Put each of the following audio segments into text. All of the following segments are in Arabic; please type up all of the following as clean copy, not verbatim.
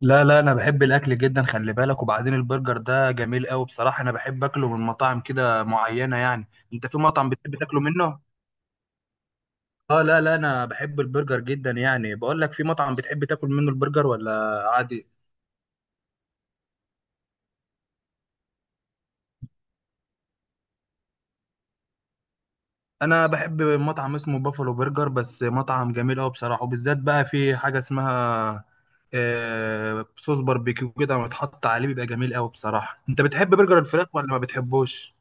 لا لا، انا بحب الاكل جدا. خلي بالك. وبعدين البرجر ده جميل قوي بصراحه، انا بحب اكله من مطاعم كده معينه يعني. انت في مطعم بتحب تاكله منه؟ اه لا لا، انا بحب البرجر جدا يعني. بقول لك، في مطعم بتحب تاكل منه البرجر ولا عادي؟ انا بحب مطعم اسمه بافلو برجر، بس مطعم جميل قوي بصراحه. وبالذات بقى في حاجه اسمها صوص باربيكيو، كده متحط عليه بيبقى جميل قوي بصراحه. انت بتحب برجر الفراخ ولا ما بتحبوش؟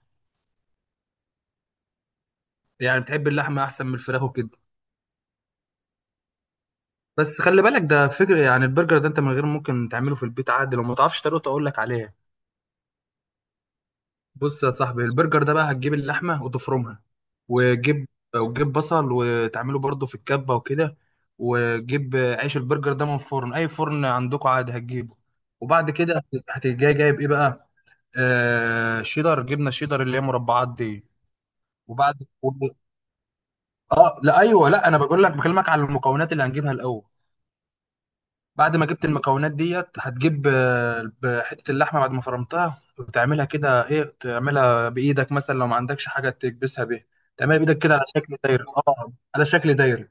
يعني بتحب اللحمه احسن من الفراخ وكده؟ بس خلي بالك، ده فكرة. يعني البرجر ده انت من غير ممكن تعمله في البيت عادي، لو ما تعرفش طريقته اقول لك عليها. بص يا صاحبي، البرجر ده بقى هتجيب اللحمة وتفرمها. وتجيب وتجيب بصل وتعمله برضه في الكبة وكده. وتجيب عيش البرجر ده من فرن، اي فرن عندكم عادي هتجيبه. وبعد كده هتجي جايب ايه بقى؟ شيدر، جبنة شيدر اللي هي مربعات دي. وبعد و- اه لا ايوه لا، انا بقول لك بكلمك على المكونات اللي هنجيبها الاول. بعد ما جبت المكونات ديت هتجيب حتة اللحمة بعد ما فرمتها وتعملها كده ايه، تعملها بإيدك مثلا لو ما عندكش حاجة تكبسها بيها. تعملها بإيدك كده على شكل دايرة، على شكل دايرة.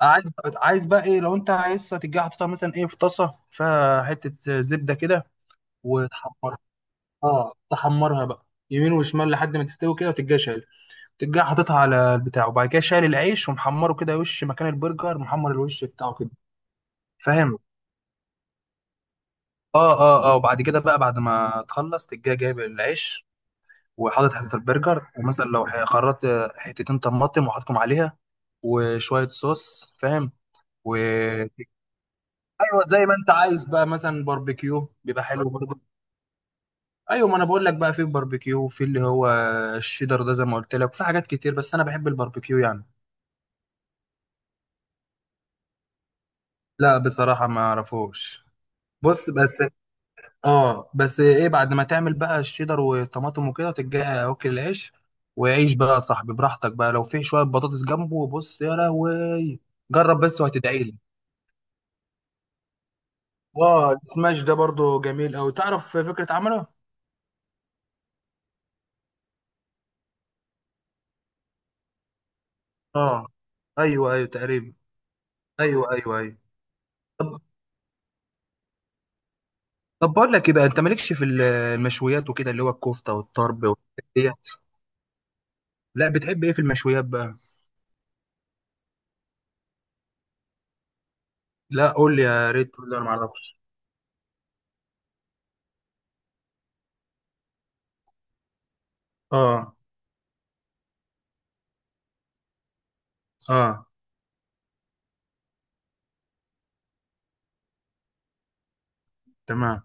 عايز بقى ايه، لو انت عايزها تجي حاططها مثلا ايه في طاسة فيها حتة زبدة كده، وتحمرها. اه، تحمرها بقى يمين وشمال لحد ما تستوي كده، وتجي شايل، تجي حاططها على البتاع. وبعد كده شايل العيش ومحمره كده، وش مكان البرجر محمر الوش بتاعه كده. فاهم؟ اه اه اه. وبعد كده بقى، بعد ما تخلص تجي جايب العيش وحاطط حتة البرجر، ومثلا لو خرطت حتتين طماطم وحاططهم عليها، وشوية صوص، فاهم؟ و ايوه، زي ما انت عايز بقى، مثلا باربيكيو بيبقى حلو برضه. ايوه، ما انا بقول لك بقى، في باربيكيو، في اللي هو الشيدر ده زي ما قلت لك، وفي حاجات كتير، بس انا بحب الباربيكيو يعني. لا بصراحة، ما اعرفوش. بص بس. اه، بس ايه، بعد ما تعمل بقى الشيدر والطماطم وكده تجي اوكي العيش. وعيش بقى يا صاحبي براحتك بقى. لو في شويه بطاطس جنبه، بص يا لهوي. جرب بس وهتدعي لي. اه، السماش ده برضو جميل قوي. تعرف فكره عمله. اه ايوه ايوه تقريبا. ايوه ايوه ايوه. طب طب بقول لك ايه بقى، انت مالكش في المشويات وكده، اللي هو الكفته والطرب والحاجات ديت؟ لا، بتحب ايه في المشويات بقى؟ لا قول لي، يا ريت قول لي، انا ما اعرفش. اه اه تمام.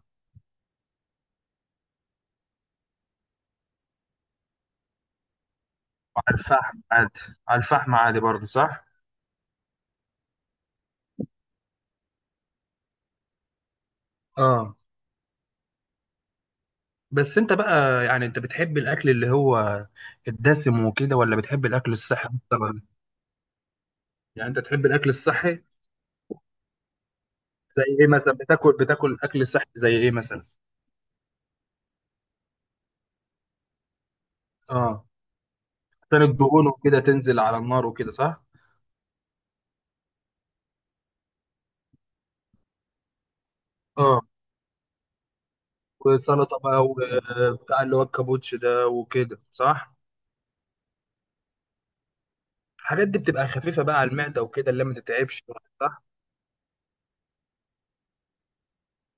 على الفحم عادي. على الفحم عادي برضه صح. اه، بس انت بقى يعني، انت بتحب الاكل اللي هو الدسم وكده، ولا بتحب الاكل الصحي اكتر ولا؟ يعني انت تحب الاكل الصحي؟ زي ايه مثلا، بتاكل اكل صحي زي ايه مثلا؟ اه، عشان الدهون وكده تنزل على النار وكده، صح. اه، وسلطه بقى وبتاع، اللي هو الكابوتش ده وكده، صح. الحاجات دي بتبقى خفيفه بقى على المعده وكده، اللي ما تتعبش. صح.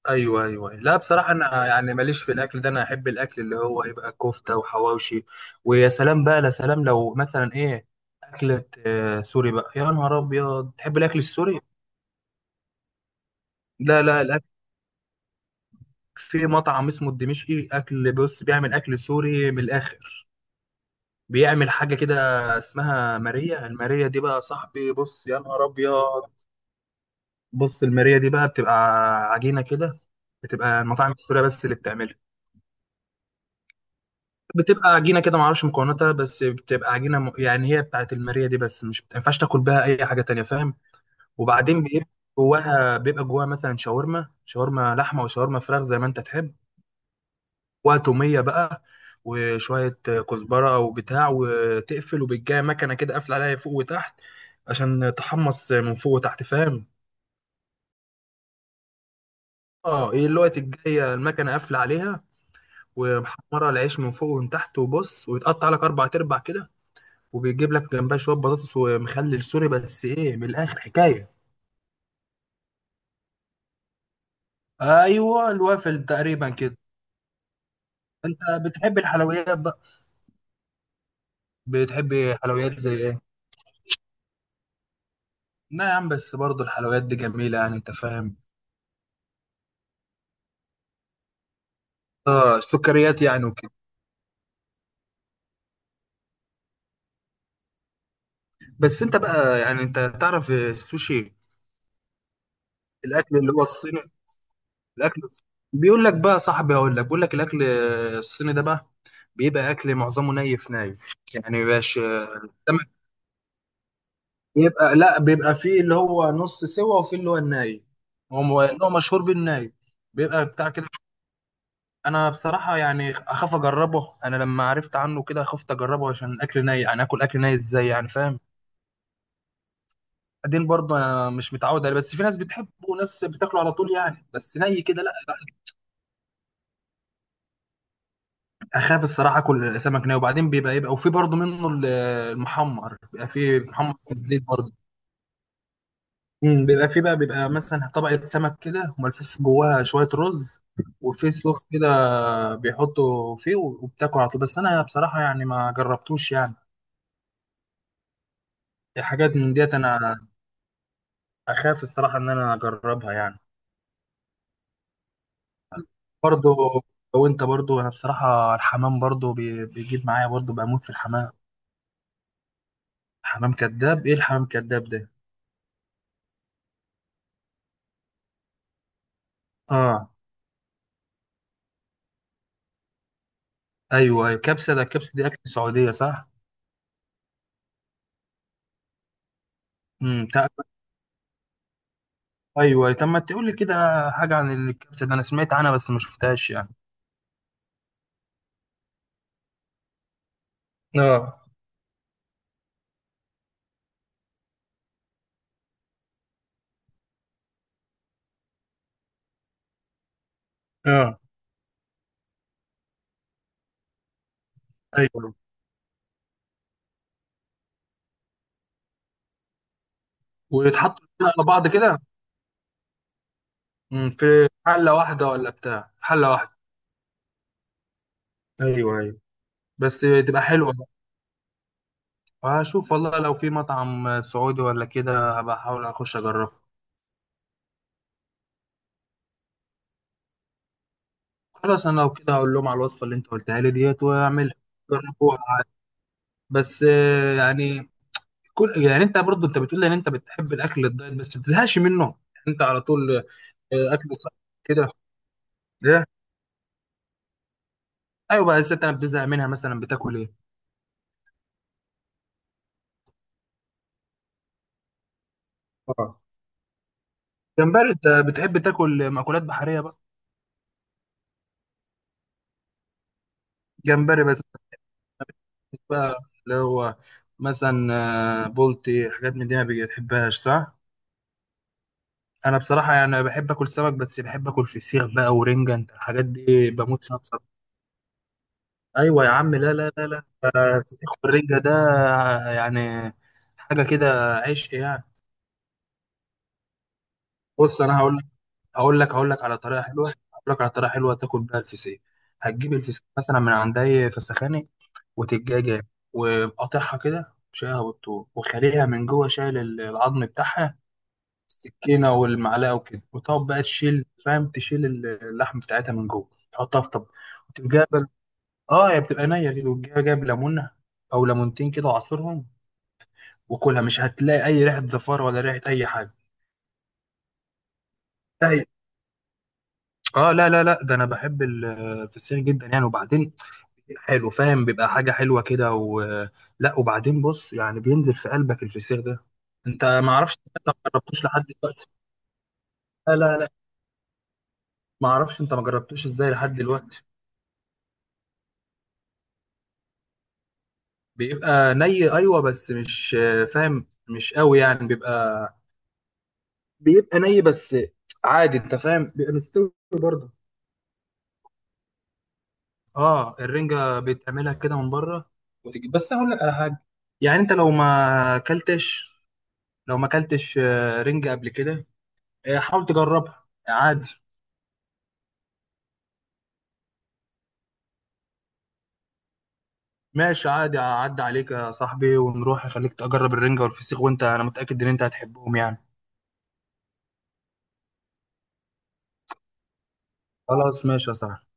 ايوه ايوه، لا بصراحه، انا يعني ماليش في الاكل ده. انا احب الاكل اللي هو يبقى كفته وحواوشي. ويا سلام بقى، لا سلام، لو مثلا ايه، اكله سوري بقى، يا نهار ابيض. تحب الاكل السوري؟ لا لا، الاكل في مطعم اسمه الدمشقي. اكل، بص بيعمل اكل سوري من الاخر. بيعمل حاجه كده اسمها ماريا. الماريا دي بقى يا صاحبي، بص يا نهار ابيض. بص الماريا دي بقى بتبقى عجينه كده. بتبقى المطاعم السوريه بس اللي بتعملها. بتبقى عجينه كده، ما اعرفش مكوناتها، بس بتبقى عجينه. يعني هي بتاعت الماريه دي بس، مش، ما ينفعش تاكل بها اي حاجه تانية، فاهم؟ وبعدين بيبقى جواها، مثلا شاورما لحمه وشاورما فراخ زي ما انت تحب. وتوميه بقى وشويه كزبره او بتاع، وتقفل. وبتجي مكنه كده قافله عليها فوق وتحت، عشان تحمص من فوق وتحت، فاهم؟ اه، ايه الوقت الجايه المكنه قافله عليها ومحمره العيش من فوق ومن تحت. وبص، ويتقطع لك اربع تربع كده. وبيجيب لك جنبها شويه بطاطس ومخلل سوري، بس ايه، من الاخر حكايه. ايوه، الوافل تقريبا كده. انت بتحب الحلويات بقى؟ بتحب حلويات زي ايه؟ لا يا عم، بس برضه الحلويات دي جميله يعني، انت فاهم. اه، السكريات يعني وكده. بس انت بقى، يعني انت تعرف السوشي؟ الاكل اللي هو الصيني، الاكل الص- بيقول لك بقى صاحبي، هقول لك، بيقول لك الاكل الصيني ده بقى، بيبقى اكل معظمه نايف يعني، مبيبقاش. يبقى لا، بيبقى فيه اللي هو نص سوا، وفيه اللي هو الناي. هو اللي هو مشهور بالناي. بيبقى بتاع كده. انا بصراحه يعني اخاف اجربه. انا لما عرفت عنه كده خفت اجربه، عشان الاكل ناي يعني. اكل، اكل ناي ازاي يعني، فاهم؟ بعدين برضه، انا مش متعود عليه، بس في ناس بتحبه وناس بتاكله على طول يعني. بس ني كده، لا لا. اخاف الصراحه اكل سمك ناي. وبعدين بيبقى، وفي برضه منه المحمر، بيبقى فيه محمر في الزيت برضه. بيبقى فيه بقى، مثلا طبقة سمك كده وملفوف جواها شوية رز، وفي صوص كده بيحطوا فيه، وبتاكل على طول. بس أنا بصراحة يعني ما جربتوش، يعني حاجات من ديت أنا. أخاف الصراحة إن أنا أجربها يعني. برضو. وأنت برضو، أنا بصراحة الحمام برضو بيجيب معايا، برضو بموت في الحمام. حمام كذاب؟ إيه الحمام كذاب ده؟ آه. أيوه أيوه، كبسة. ده الكبسة دي أكل سعودية صح؟ امم تق- أيوه أيوه. طب ما تقول لي كده حاجة عن الكبسة ده، أنا سمعت عنها بس ما شفتهاش يعني. اه اه ايوه. ويتحطوا كده على بعض كده. في حله واحده ولا بتاع، في حله واحده؟ ايوه ايوه، بس تبقى حلوه بقى. هشوف والله، لو في مطعم سعودي ولا كده هبقى احاول اخش اجربه. خلاص، انا لو كده هقول لهم على الوصفه اللي انت قلتها لي ديت واعملها. جربوها عادي. بس يعني، كل يعني، انت برضو، انت بتقول لي ان انت بتحب الاكل الدايت بس ما بتزهقش منه يعني؟ انت على طول اكل صح كده، ايه. ايوه بقى، الست انا بتزهق منها، مثلا بتاكل ايه. اه. جمبري، انت بتحب تاكل مأكولات بحرية بقى؟ جمبري بس بقى، اللي هو مثلا بولتي، حاجات من دي ما بتحبهاش صح؟ انا بصراحة يعني بحب اكل سمك، بس بحب اكل فسيخ بقى ورنجة. انت الحاجات دي بموت فيها بصراحة. ايوه يا عم، لا لا لا لا. الفسيخ والرنجة ده، يعني، حاجة كده عشق يعني. بص انا هقول لك، هقول لك هقول لك على طريقة حلوة هقول لك على طريقة حلوة تاكل بيها الفسيخ. هتجيب الفسيخ مثلا من عند اي فسخاني، وتتجاجة وقاطعها كده شايلها بالطول، وخليها من جوه شايل العظم بتاعها، السكينة والمعلقة وكده. وتقعد بقى تشيل، فاهم، تشيل اللحم بتاعتها من جوه، تحطها في طب. وتقوم جايب اه، هي بتبقى نية كده. وتجيب جايب ليمونة أو ليمونتين كده وعصرهم، وكلها مش هتلاقي أي ريحة زفارة ولا ريحة أي حاجة. لا، اه، لا لا لا، ده أنا بحب الفسيخ جدا يعني. وبعدين حلو، فاهم، بيبقى حاجة حلوة كده لا، وبعدين بص يعني، بينزل في قلبك الفسيخ ده. انت ما اعرفش، انت ما جربتوش لحد دلوقتي؟ لا، لا، لا. ما اعرفش انت ما جربتوش ازاي لحد دلوقتي؟ بيبقى ني ايوه، بس مش فاهم، مش قوي يعني. بيبقى، بيبقى ني بس عادي، انت فاهم، بيبقى مستوي برضه. اه، الرنجة بتعملها كده من بره، وتجي بس. هقول لك على حاجة، يعني انت لو ما اكلتش، رنجة قبل كده، حاول تجربها عادي. ماشي، عادي اعدي عليك يا صاحبي ونروح، اخليك تجرب الرنجة والفسيخ، وانت، انا متأكد ان انت هتحبهم يعني. خلاص ماشي يا صاحبي.